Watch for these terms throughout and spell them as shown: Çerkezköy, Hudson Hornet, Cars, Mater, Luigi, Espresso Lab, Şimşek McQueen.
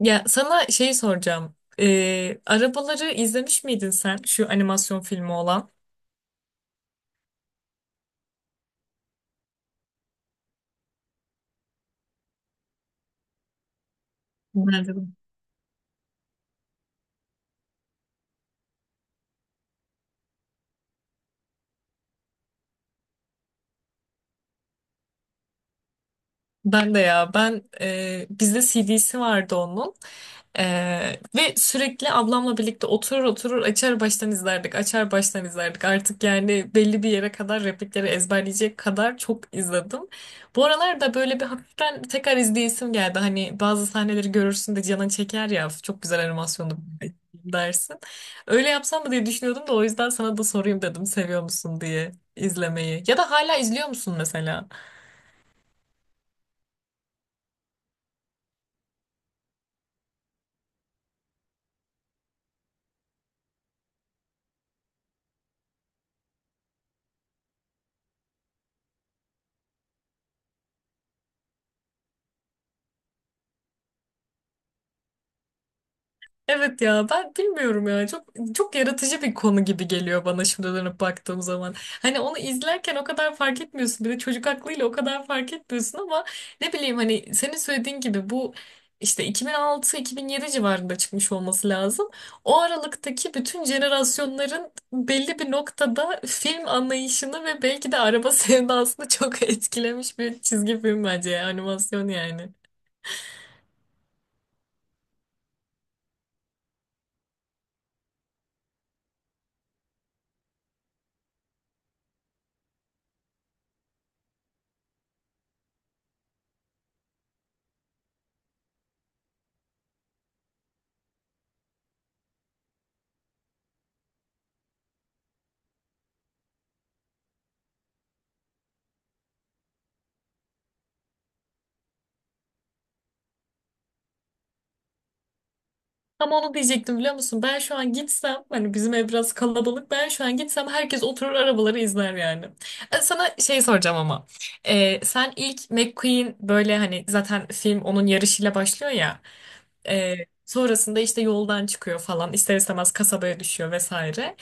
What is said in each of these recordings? Ya sana şeyi soracağım. Arabaları izlemiş miydin sen? Şu animasyon filmi olan. Nerede? Ben de ya ben bizde CD'si vardı onun. E, Ve sürekli ablamla birlikte oturur oturur açar baştan izlerdik, açar baştan izlerdik, artık yani belli bir yere kadar replikleri ezberleyecek kadar çok izledim. Bu aralar da böyle bir hafiften tekrar izleyesim geldi, hani bazı sahneleri görürsün de canın çeker ya, çok güzel animasyonu dersin. Öyle yapsam mı diye düşünüyordum da o yüzden sana da sorayım dedim, seviyor musun diye izlemeyi ya da hala izliyor musun mesela? Evet ya, ben bilmiyorum ya, çok çok yaratıcı bir konu gibi geliyor bana şimdi dönüp baktığım zaman. Hani onu izlerken o kadar fark etmiyorsun, bir de çocuk aklıyla o kadar fark etmiyorsun ama ne bileyim, hani senin söylediğin gibi bu işte 2006-2007 civarında çıkmış olması lazım. O aralıktaki bütün jenerasyonların belli bir noktada film anlayışını ve belki de araba sevdasını çok etkilemiş bir çizgi film bence ya, animasyon yani. Tam onu diyecektim, biliyor musun? Ben şu an gitsem hani bizim ev biraz kalabalık. Ben şu an gitsem herkes oturur arabaları izler yani. Sana şey soracağım ama. Sen ilk McQueen böyle hani zaten film onun yarışıyla başlıyor ya. E, Sonrasında işte yoldan çıkıyor falan, ister istemez kasabaya düşüyor vesaire.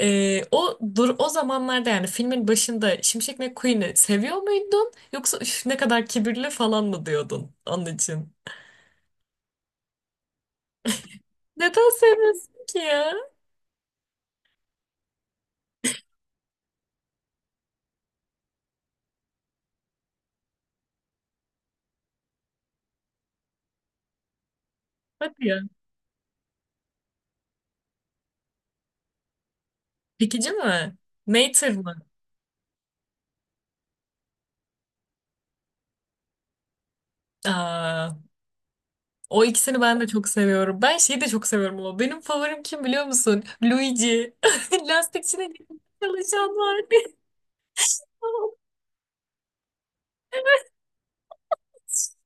O dur, o zamanlarda yani filmin başında Şimşek McQueen'i seviyor muydun? Yoksa "Üf, ne kadar kibirli" falan mı diyordun onun için? Neden seviyorsun ki ya? Hadi ya. Çekici mi? Mater mı? Aa, o ikisini ben de çok seviyorum. Ben şeyi de çok seviyorum ama benim favorim kim biliyor musun? Luigi. Lastikçinin çalışan var.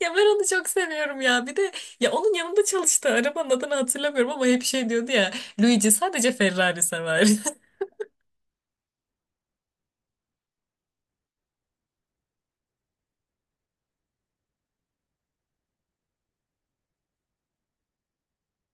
Ya ben onu çok seviyorum ya. Bir de ya onun yanında çalıştı. Arabanın adını hatırlamıyorum ama hep şey diyordu ya. Luigi sadece Ferrari sever.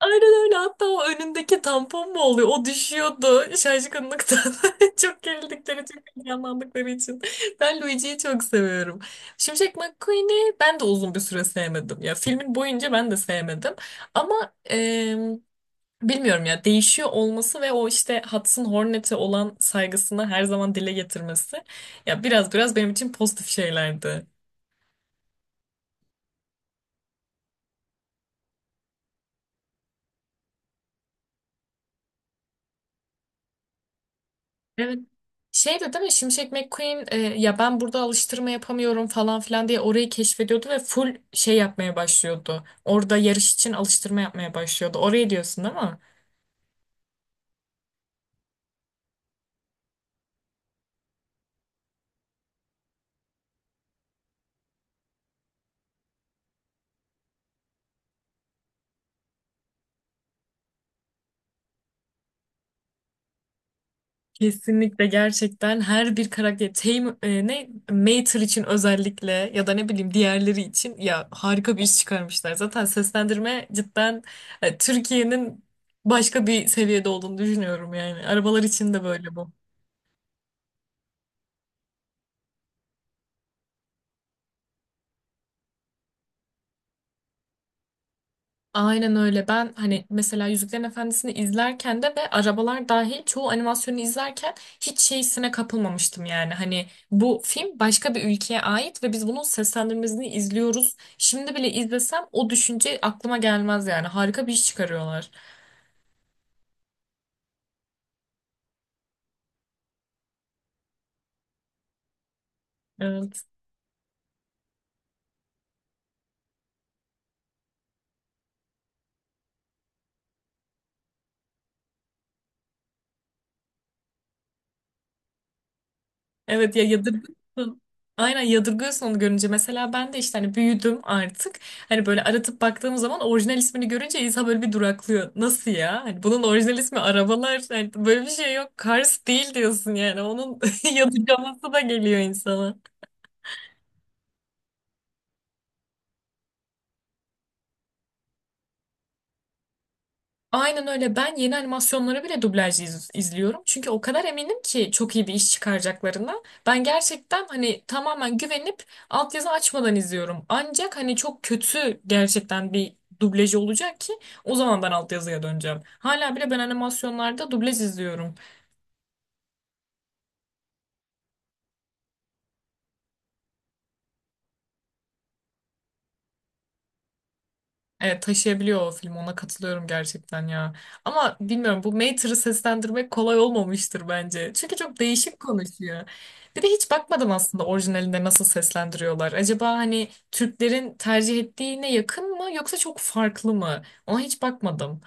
Aynen öyle. Hatta o önündeki tampon mu oluyor? O düşüyordu şaşkınlıktan. Çok gerildikleri, çok heyecanlandıkları için. Ben Luigi'yi çok seviyorum. Şimşek McQueen'i ben de uzun bir süre sevmedim. Ya filmin boyunca ben de sevmedim. Ama bilmiyorum ya, değişiyor olması ve o işte Hudson Hornet'e olan saygısını her zaman dile getirmesi, ya biraz biraz benim için pozitif şeylerdi. Evet. Şey de değil mi? Şimşek McQueen, ya ben burada alıştırma yapamıyorum falan filan diye orayı keşfediyordu ve full şey yapmaya başlıyordu. Orada yarış için alıştırma yapmaya başlıyordu. Orayı diyorsun değil mi? Kesinlikle, gerçekten her bir karakter Tame, ne Mater için özellikle ya da ne bileyim diğerleri için, ya harika bir iş çıkarmışlar. Zaten seslendirme cidden Türkiye'nin başka bir seviyede olduğunu düşünüyorum yani. Arabalar için de böyle bu. Aynen öyle. Ben hani mesela Yüzüklerin Efendisi'ni izlerken de ve arabalar dahil çoğu animasyonu izlerken hiç şeysine kapılmamıştım yani. Hani bu film başka bir ülkeye ait ve biz bunun seslendirmesini izliyoruz. Şimdi bile izlesem o düşünce aklıma gelmez yani. Harika bir iş çıkarıyorlar. Evet ya, yadırgıyorsun. Aynen, yadırgıyorsun onu görünce. Mesela ben de işte hani büyüdüm artık. Hani böyle aratıp baktığım zaman orijinal ismini görünce insan böyle bir duraklıyor. Nasıl ya? Hani bunun orijinal ismi arabalar. Hani böyle bir şey yok. Cars değil diyorsun yani. Onun yadırgaması da geliyor insana. Aynen öyle. Ben yeni animasyonları bile dublaj izliyorum. Çünkü o kadar eminim ki çok iyi bir iş çıkaracaklarına. Ben gerçekten hani tamamen güvenip altyazı açmadan izliyorum. Ancak hani çok kötü gerçekten bir dublajı olacak ki, o zaman ben altyazıya döneceğim. Hala bile ben animasyonlarda dublaj izliyorum. Evet, taşıyabiliyor o film, ona katılıyorum gerçekten ya. Ama bilmiyorum, bu Mater'ı seslendirmek kolay olmamıştır bence. Çünkü çok değişik konuşuyor. Bir de hiç bakmadım aslında orijinalinde nasıl seslendiriyorlar. Acaba hani Türklerin tercih ettiğine yakın mı yoksa çok farklı mı? Ona hiç bakmadım.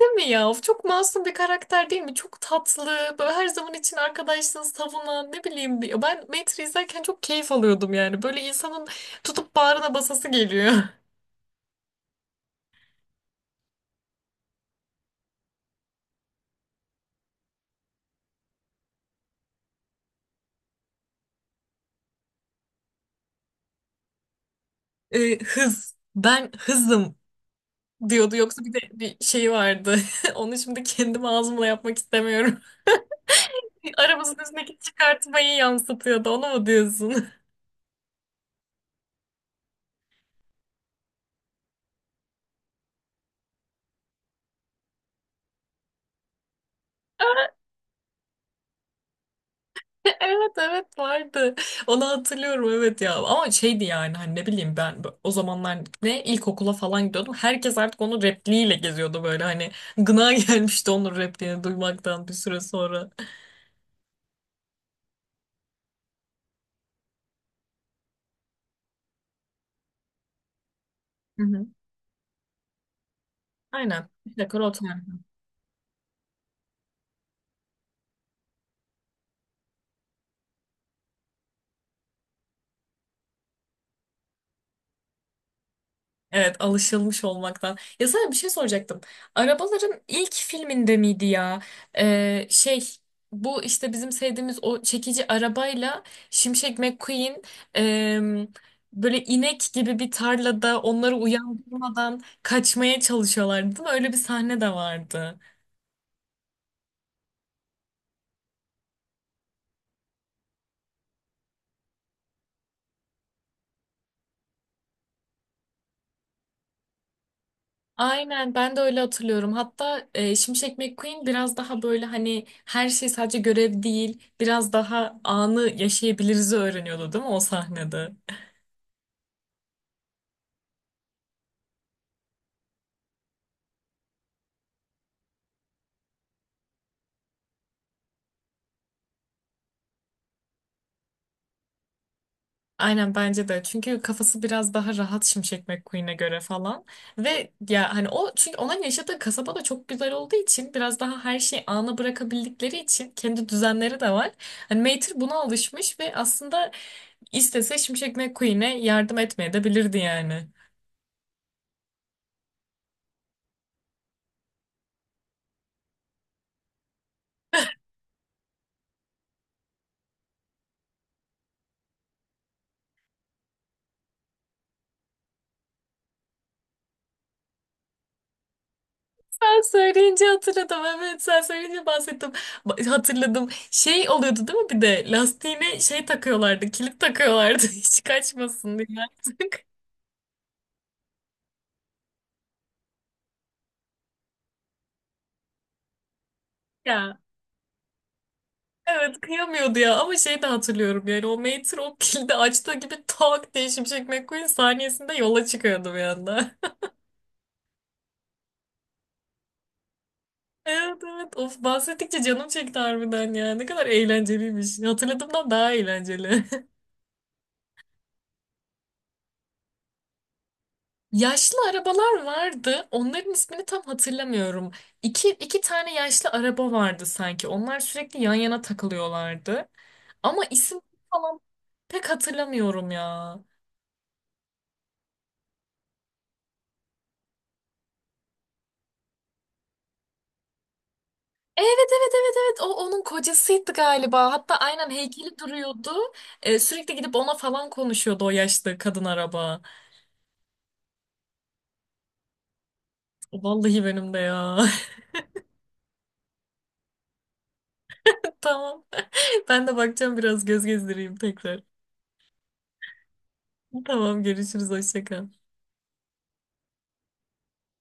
Değil mi ya? Of, çok masum bir karakter değil mi? Çok tatlı. Böyle her zaman için arkadaşlığını savunan, ne bileyim. Ben Mater'ı izlerken çok keyif alıyordum yani. Böyle insanın tutup bağrına basası geliyor. Hız. Ben hızım diyordu. Yoksa bir de bir şeyi vardı. Onu şimdi kendim ağzımla yapmak istemiyorum. Arabasının üstündeki çıkartmayı yansıtıyordu. Onu mu diyorsun? Evet evet, vardı. Onu hatırlıyorum, evet ya. Ama şeydi yani hani, ne bileyim ben, o zamanlar ne ilkokula falan gidiyordum. Herkes artık onun repliğiyle geziyordu böyle, hani gına gelmişti onun repliğini duymaktan bir süre sonra. Hı hı. Aynen. Bir dakika. Evet, alışılmış olmaktan. Ya sana bir şey soracaktım. Arabaların ilk filminde miydi ya? Şey, bu işte bizim sevdiğimiz o çekici arabayla Şimşek McQueen, em, böyle inek gibi bir tarlada onları uyandırmadan kaçmaya çalışıyorlardı, değil mi? Öyle bir sahne de vardı. Aynen, ben de öyle hatırlıyorum. Hatta Şimşek McQueen biraz daha böyle hani her şey sadece görev değil, biraz daha anı yaşayabiliriz öğreniyordu, değil mi o sahnede? Aynen bence de. Çünkü kafası biraz daha rahat Şimşek McQueen'e göre falan. Ve ya hani o, çünkü onun yaşadığı kasaba da çok güzel olduğu için biraz daha her şeyi ana bırakabildikleri için kendi düzenleri de var. Hani Mater buna alışmış ve aslında istese Şimşek McQueen'e yardım etmeye de bilirdi yani. Sen söyleyince hatırladım. Evet, sen söyleyince bahsettim. Hatırladım. Şey oluyordu değil mi, bir de lastiğine şey takıyorlardı. Kilit takıyorlardı. Hiç kaçmasın diye artık. Ya. Evet, kıyamıyordu ya, ama şey de hatırlıyorum yani, o Mater o kilidi açtığı gibi tak diye Şimşek McQueen saniyesinde yola çıkıyordu bir anda. Evet evet, of, bahsettikçe canım çekti harbiden ya, ne kadar eğlenceliymiş, hatırladığımdan daha eğlenceli. Yaşlı arabalar vardı, onların ismini tam hatırlamıyorum. İki tane yaşlı araba vardı sanki, onlar sürekli yan yana takılıyorlardı ama isim falan pek hatırlamıyorum ya. Evet evet evet evet, o onun kocasıydı galiba. Hatta aynen heykeli duruyordu. Sürekli gidip ona falan konuşuyordu o yaşlı kadın araba. Vallahi benim de ya. Tamam. Ben de bakacağım, biraz göz gezdireyim tekrar. Tamam, görüşürüz, hoşça kal.